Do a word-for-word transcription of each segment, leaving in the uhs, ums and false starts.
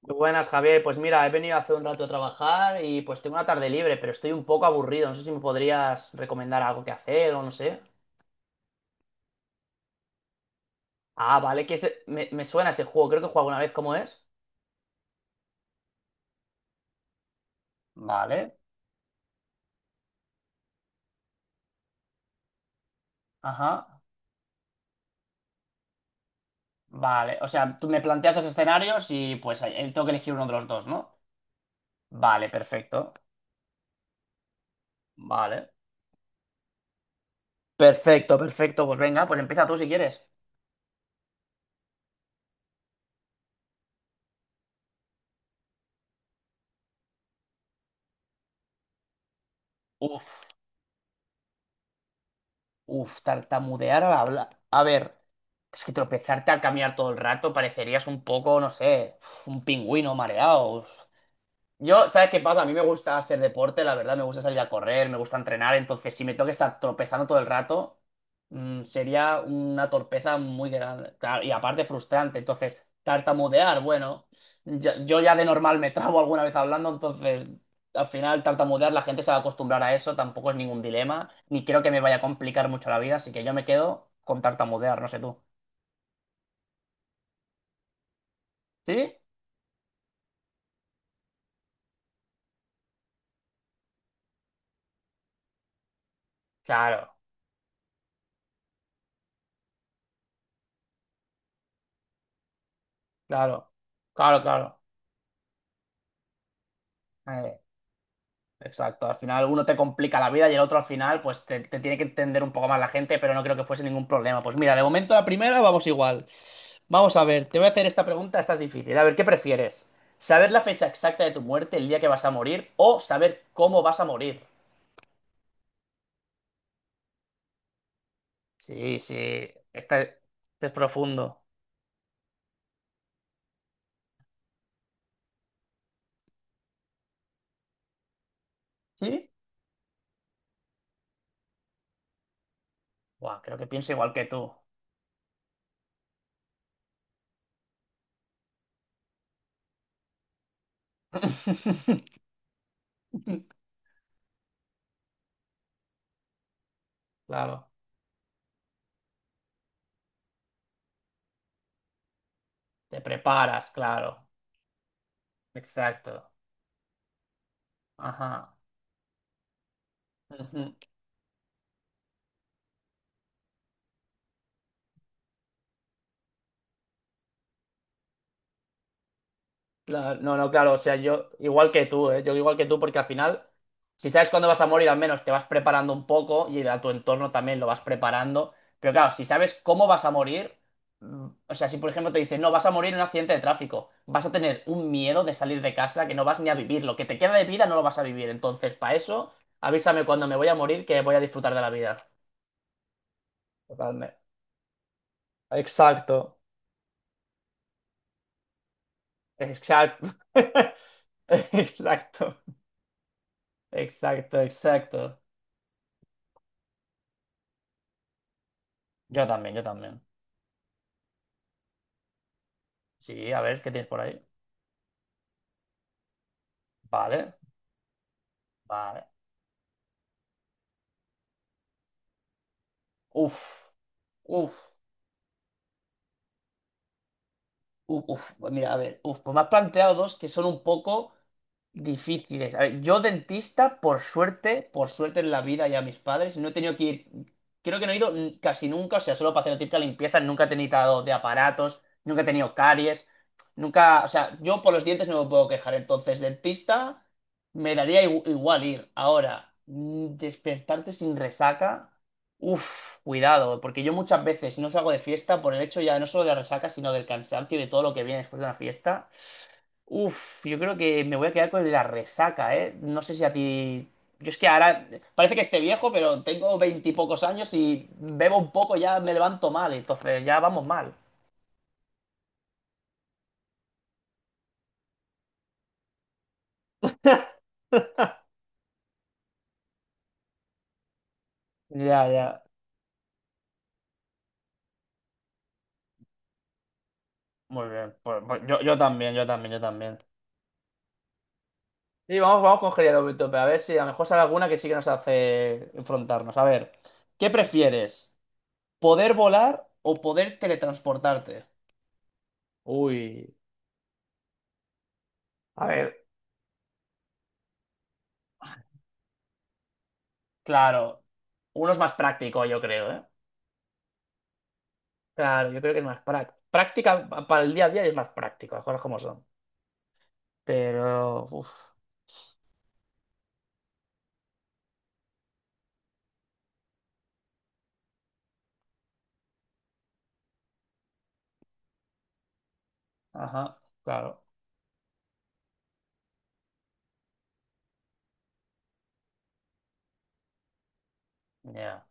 Muy buenas, Javier. Pues mira, he venido hace un rato a trabajar y pues tengo una tarde libre, pero estoy un poco aburrido. No sé si me podrías recomendar algo que hacer o no sé. Ah, vale, que ese- me, me suena ese juego. Creo que he jugado alguna vez. ¿Cómo es? Vale, ajá, vale. O sea, tú me planteas dos escenarios y pues ahí- tengo que elegir uno de los dos, ¿no? Vale, perfecto. Vale. Perfecto, perfecto. Pues venga, pues empieza tú si quieres. Uf. Uf, tartamudear al hablar. A ver, es que tropezarte al caminar todo el rato parecerías un poco, no sé, uf, un pingüino mareado. Yo, ¿sabes qué pasa? A mí me gusta hacer deporte, la verdad, me gusta salir a correr, me gusta entrenar, entonces si me tengo que estar tropezando todo el rato, mm, sería una torpeza muy grande, claro, y aparte frustrante, entonces tartamudear, bueno, ya- yo ya de normal me trabo alguna vez hablando, entonces al final tartamudear la gente se va a acostumbrar a eso, tampoco es ningún dilema, ni creo que me vaya a complicar mucho la vida, así que yo me quedo con tartamudear, no sé tú. ¿Sí? Claro, claro, claro, claro. Eh, Exacto, al final uno te complica la vida y el otro al final pues te, te tiene que entender un poco más la gente, pero no creo que fuese ningún problema. Pues mira, de momento la primera vamos igual. Vamos a ver, te voy a hacer esta pregunta, esta es difícil. A ver, ¿qué prefieres? ¿Saber la fecha exacta de tu muerte, el día que vas a morir, o saber cómo vas a morir? Sí, sí, esta, este es profundo. ¿Sí? Buah, creo que pienso igual que tú. Claro, te preparas, claro. Exacto. Ajá. Ujú. Claro, no, no, claro, o sea, yo igual que tú, ¿eh? Yo igual que tú, porque al final, si sabes cuándo vas a morir, al menos te vas preparando un poco y a tu entorno también lo vas preparando. Pero claro, si sabes cómo vas a morir, mm, o sea, si por ejemplo te dicen, no, vas a morir en un accidente de tráfico, vas a tener un miedo de salir de casa que no vas ni a vivir. Lo que te queda de vida no lo vas a vivir. Entonces, para eso, avísame cuando me voy a morir que voy a disfrutar de la vida. Totalmente. Exacto. Exacto. Exacto. Exacto, exacto. Yo también, yo también. Sí, a ver, ¿qué tienes por ahí? Vale, vale. Uf, uf. Uf, uf, pues mira, a ver, uf, pues me has planteado dos que son un poco difíciles. A ver, yo dentista, por suerte, por suerte en la vida y a mis padres, no he tenido que ir, creo que no he ido n- casi nunca, o sea, solo para hacer la típica limpieza, nunca he tenido de aparatos, nunca he tenido caries, nunca, o sea, yo por los dientes no me puedo quejar, entonces dentista me daría igu- igual ir. Ahora, mm, despertarte sin resaca. Uf, cuidado, porque yo muchas veces si no salgo de fiesta por el hecho ya no solo de la resaca, sino del cansancio y de todo lo que viene después de una fiesta. Uf, yo creo que me voy a quedar con el de la resaca, ¿eh? No sé si a ti. Yo es que ahora parece que esté viejo, pero tengo veintipocos años y bebo un poco ya me levanto mal, entonces ya vamos mal. Ya, ya. Muy bien, pues, pues yo, yo también, yo también, yo también. Y vamos, vamos con Geriadométope, a ver si a lo mejor sale alguna que sí que nos hace enfrentarnos. A ver, ¿qué prefieres? ¿Poder volar o poder teletransportarte? Uy, a ver, claro, uno es más práctico, yo creo, ¿eh? Claro, yo creo que es más práctico. Práctica pa- para el día a día es más práctico, las cosas como son. Pero, uff, ajá, claro. Ya.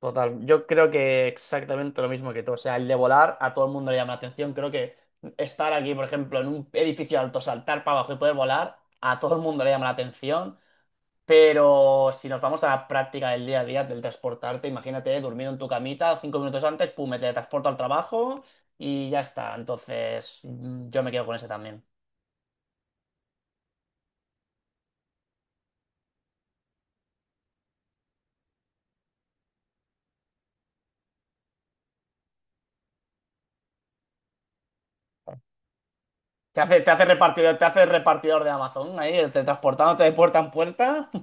Total, yo creo que exactamente lo mismo que tú. O sea, el de volar a todo el mundo le llama la atención. Creo que estar aquí, por ejemplo, en un edificio alto, saltar para abajo y poder volar, a todo el mundo le llama la atención. Pero si nos vamos a la práctica del día a día del transportarte, imagínate, durmiendo en tu camita, cinco minutos antes, pum, me teletransporto al trabajo y ya está. Entonces, mm, yo me quedo con ese también. Te hace, te hace repartidor, te hace repartidor de Amazon ahí, teletransportándote de puerta en puerta.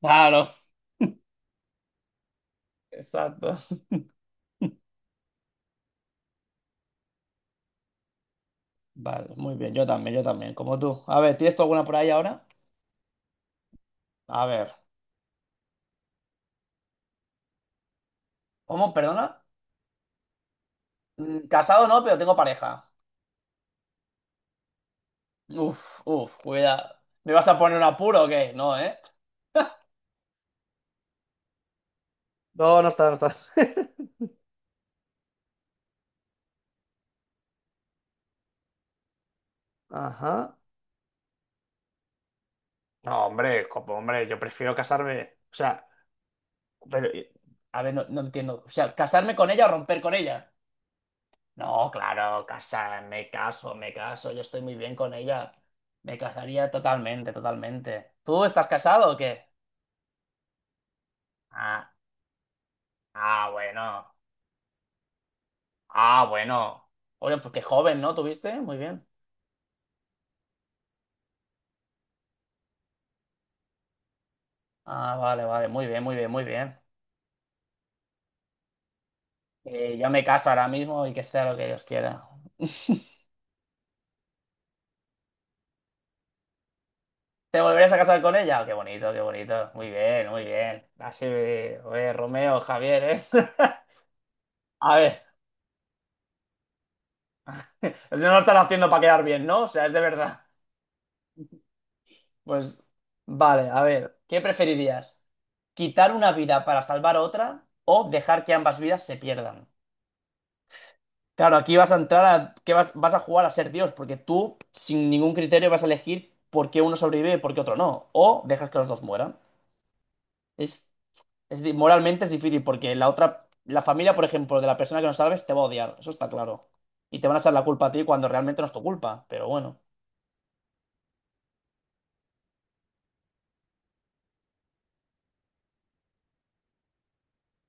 Claro. Exacto. Vale, muy bien, yo también, yo también, como tú. A ver, ¿tienes tú alguna por ahí ahora? A ver. ¿Cómo? Perdona. Mm, Casado no, pero tengo pareja. Uf, uf, cuidado. ¿Me vas a poner un apuro o qué? No, ¿eh? No, no está, no está. Ajá. No, hombre, como, hombre, yo prefiero casarme. O sea, pero, eh, a ver, no, no entiendo. O sea, ¿casarme con ella o romper con ella? No, claro, casarme, caso, me caso, yo estoy muy bien con ella. Me casaría totalmente, totalmente. ¿Tú estás casado o qué? Ah, ah, bueno. Ah, bueno. Oye, pues qué joven, ¿no? ¿Tuviste? Muy bien. Ah, vale, vale, muy bien, muy bien, muy bien. Eh, yo me caso ahora mismo y que sea lo que Dios quiera. ¿Te volverías a casar con ella? Oh, qué bonito, qué bonito. Muy bien, muy bien. Así, oye, Romeo, Javier, ¿eh? A ver, no lo están haciendo para quedar bien, ¿no? O sea, es de verdad. Pues, vale, a ver, ¿qué preferirías? ¿Quitar una vida para salvar otra o dejar que ambas vidas se pierdan? Claro, aquí vas a entrar a que vas, vas a jugar a ser Dios, porque tú, sin ningún criterio, vas a elegir por qué uno sobrevive y por qué otro no. O dejas que los dos mueran. Es Es di- moralmente es difícil porque la otra, la familia, por ejemplo, de la persona que no salves te va a odiar, eso está claro. Y te van a echar la culpa a ti cuando realmente no es tu culpa, pero bueno.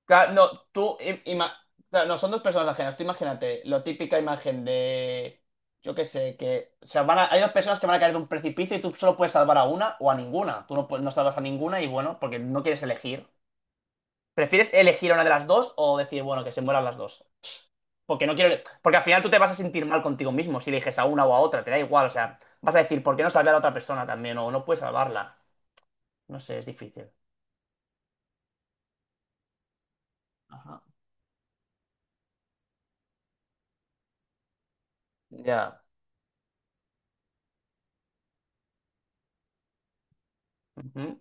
Claro, no, tú, im- ima- claro, no, son dos personas ajenas. Tú imagínate la típica imagen de, yo qué sé, que, o sea, van a- hay dos personas que van a caer de un precipicio y tú solo puedes salvar a una o a ninguna. Tú no, puedes- no salvas a ninguna y bueno, porque no quieres elegir. ¿Prefieres elegir a una de las dos o decir, bueno, que se mueran las dos? Porque no quiero. Porque al final tú te vas a sentir mal contigo mismo si eliges a una o a otra, te da igual. O sea, vas a decir, ¿por qué no salvar a la otra persona también? O no puedes salvarla. No sé, es difícil. Ajá. Ya. Ujú,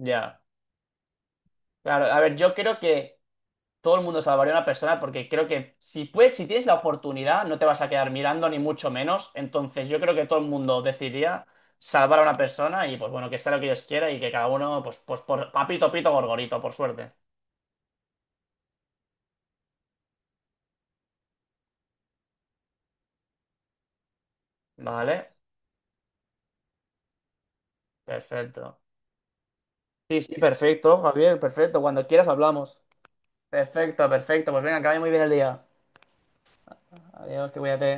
ya. Claro, a ver, yo creo que todo el mundo salvaría a una persona porque creo que si puedes, si tienes la oportunidad, no te vas a quedar mirando ni mucho menos. Entonces, yo creo que todo el mundo decidiría salvar a una persona y pues bueno, que sea lo que Dios quiera y que cada uno, pues, pues por papito, pito, gorgorito, por suerte. Vale, perfecto. Sí, sí, perfecto, Javier, perfecto. Cuando quieras hablamos. Perfecto, perfecto. Pues venga, que vaya muy bien el día. Adiós, que cuídate.